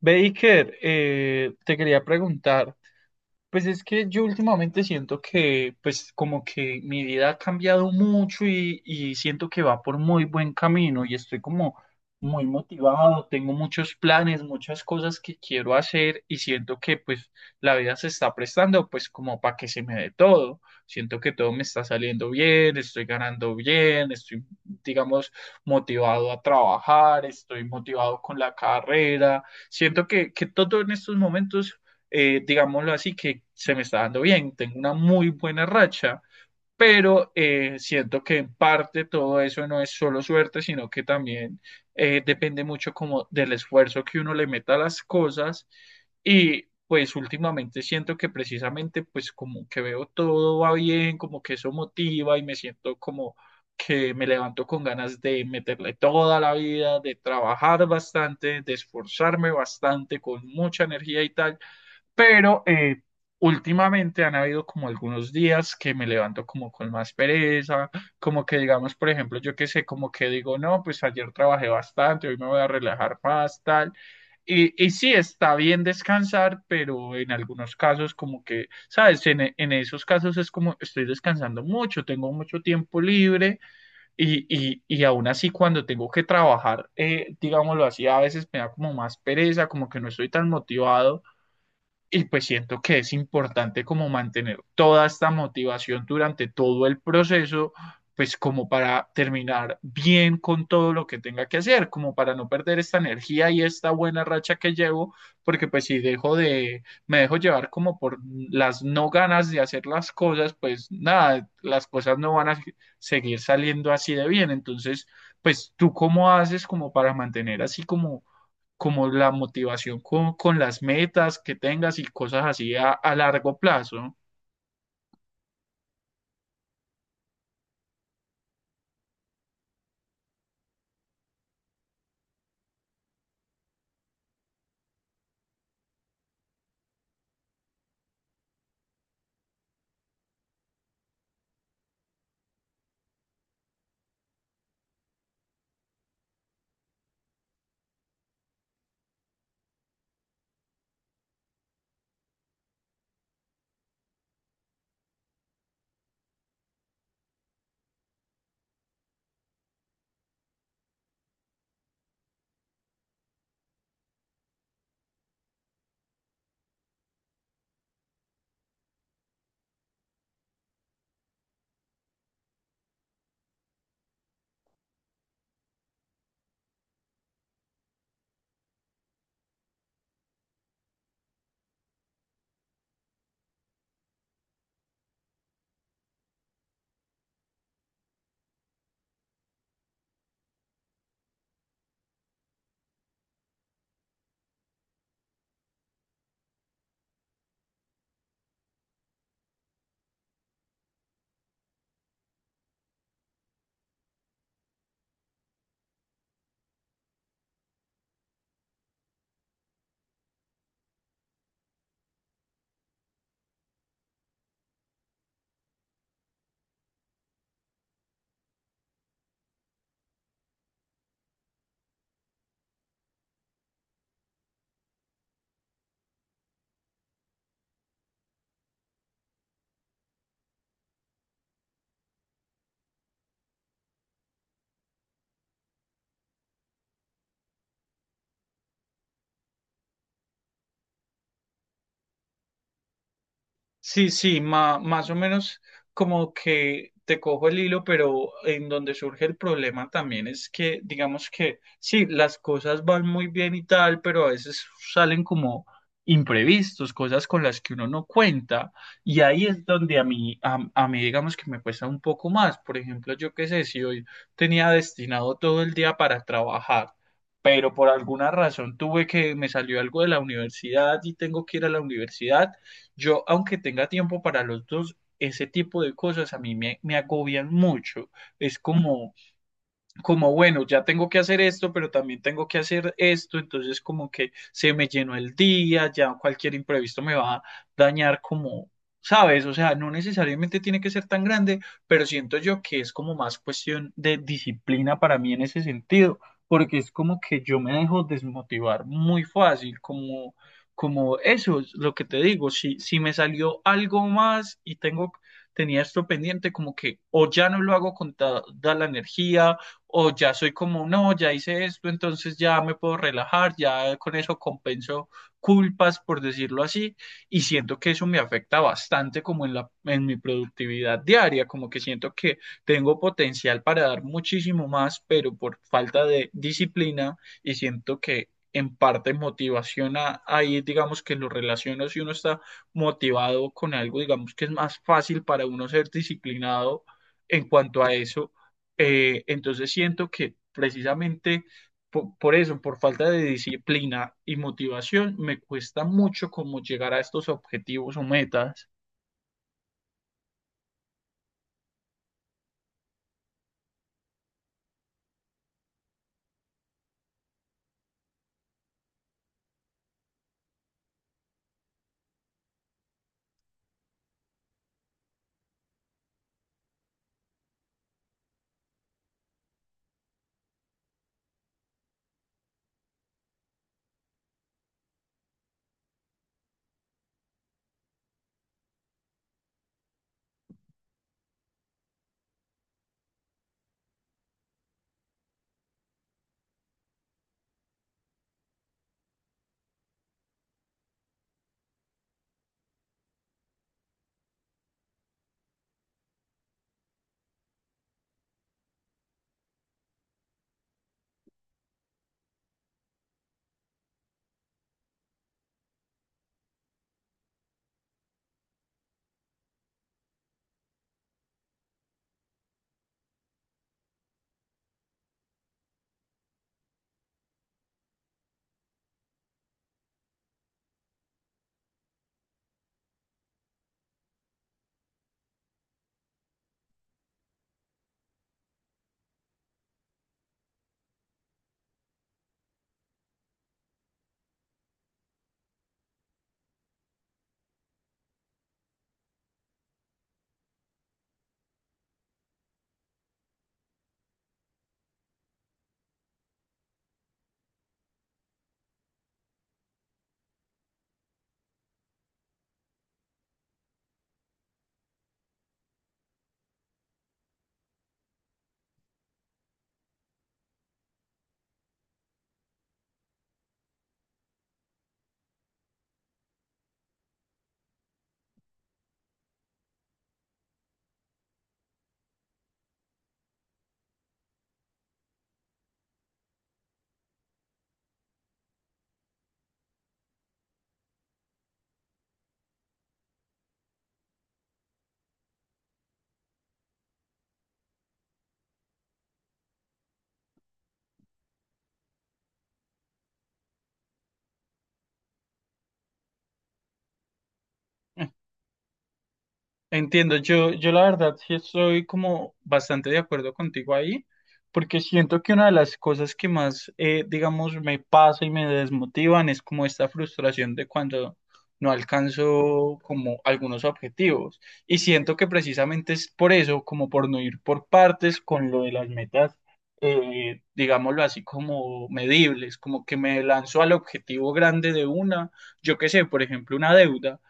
Baker, te quería preguntar, pues es que yo últimamente siento que, pues como que mi vida ha cambiado mucho y siento que va por muy buen camino y estoy como muy motivado, tengo muchos planes, muchas cosas que quiero hacer y siento que pues la vida se está prestando pues como para que se me dé todo. Siento que todo me está saliendo bien, estoy ganando bien, estoy digamos motivado a trabajar, estoy motivado con la carrera. Siento que todo en estos momentos digámoslo así, que se me está dando bien, tengo una muy buena racha, pero siento que en parte todo eso no es solo suerte, sino que también depende mucho como del esfuerzo que uno le meta a las cosas y pues últimamente siento que precisamente pues como que veo todo va bien, como que eso motiva y me siento como que me levanto con ganas de meterle toda la vida, de trabajar bastante, de esforzarme bastante con mucha energía y tal, pero últimamente han habido como algunos días que me levanto como con más pereza, como que digamos, por ejemplo, yo qué sé, como que digo, no, pues ayer trabajé bastante, hoy me voy a relajar más, tal. Y sí, está bien descansar, pero en algunos casos como que, ¿sabes? En, en esos casos es como estoy descansando mucho, tengo mucho tiempo libre y aún así cuando tengo que trabajar, digámoslo así, a veces me da como más pereza, como que no estoy tan motivado y pues siento que es importante como mantener toda esta motivación durante todo el proceso, pues como para terminar bien con todo lo que tenga que hacer, como para no perder esta energía y esta buena racha que llevo, porque pues si dejo de, me dejo llevar como por las no ganas de hacer las cosas, pues nada, las cosas no van a seguir saliendo así de bien. Entonces, pues tú cómo haces como para mantener así como como la motivación con las metas que tengas y cosas así a largo plazo. Sí, sí, más o menos como que te cojo el hilo, pero en donde surge el problema también es que, digamos que, sí, las cosas van muy bien y tal, pero a veces salen como imprevistos, cosas con las que uno no cuenta, y ahí es donde a mí, a mí, digamos que me cuesta un poco más. Por ejemplo, yo qué sé, si hoy tenía destinado todo el día para trabajar, pero por alguna razón tuve que, me salió algo de la universidad y tengo que ir a la universidad, yo, aunque tenga tiempo para los dos, ese tipo de cosas a mí me agobian mucho. Es como, como, bueno, ya tengo que hacer esto, pero también tengo que hacer esto, entonces como que se me llenó el día, ya cualquier imprevisto me va a dañar como, ¿sabes? O sea, no necesariamente tiene que ser tan grande, pero siento yo que es como más cuestión de disciplina para mí en ese sentido, porque es como que yo me dejo desmotivar muy fácil, como, como eso es lo que te digo, si me salió algo más y tengo... Tenía esto pendiente, como que o ya no lo hago con da la energía, o ya soy como, no, ya hice esto, entonces ya me puedo relajar, ya con eso compenso culpas, por decirlo así, y siento que eso me afecta bastante como en la, en mi productividad diaria, como que siento que tengo potencial para dar muchísimo más, pero por falta de disciplina y siento que en parte motivación ahí, digamos que lo relaciono si uno está motivado con algo, digamos que es más fácil para uno ser disciplinado en cuanto a eso, entonces siento que precisamente por, eso, por falta de disciplina y motivación, me cuesta mucho como llegar a estos objetivos o metas. Entiendo, yo la verdad sí estoy como bastante de acuerdo contigo ahí, porque siento que una de las cosas que más, digamos, me pasa y me desmotivan es como esta frustración de cuando no alcanzo como algunos objetivos. Y siento que precisamente es por eso, como por no ir por partes con lo de las metas, digámoslo así, como medibles, como que me lanzo al objetivo grande de una, yo qué sé, por ejemplo, una deuda.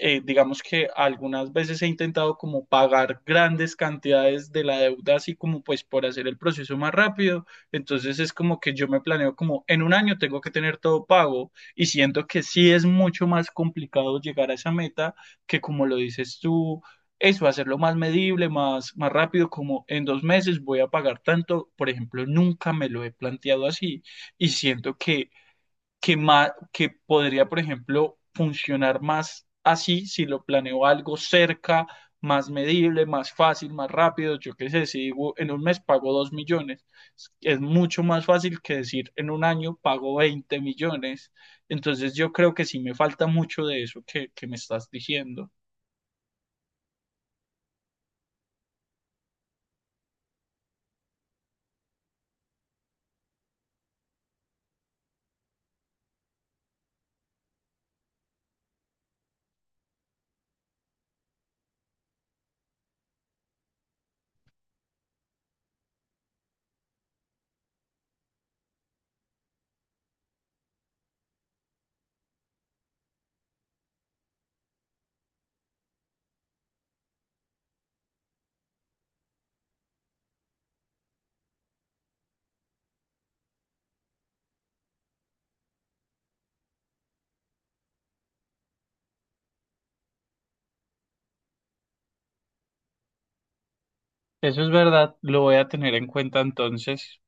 Digamos que algunas veces he intentado como pagar grandes cantidades de la deuda, así como pues por hacer el proceso más rápido. Entonces es como que yo me planeo como en un año tengo que tener todo pago y siento que sí es mucho más complicado llegar a esa meta que como lo dices tú, eso, hacerlo más medible, más, más rápido, como en 2 meses voy a pagar tanto, por ejemplo, nunca me lo he planteado así y siento que que podría, por ejemplo, funcionar más así si lo planeo algo cerca, más medible, más fácil, más rápido. Yo qué sé, si digo en un mes pago 2 millones, es mucho más fácil que decir en un año pago 20 millones. Entonces yo creo que sí me falta mucho de eso que me estás diciendo. Eso es verdad, lo voy a tener en cuenta entonces.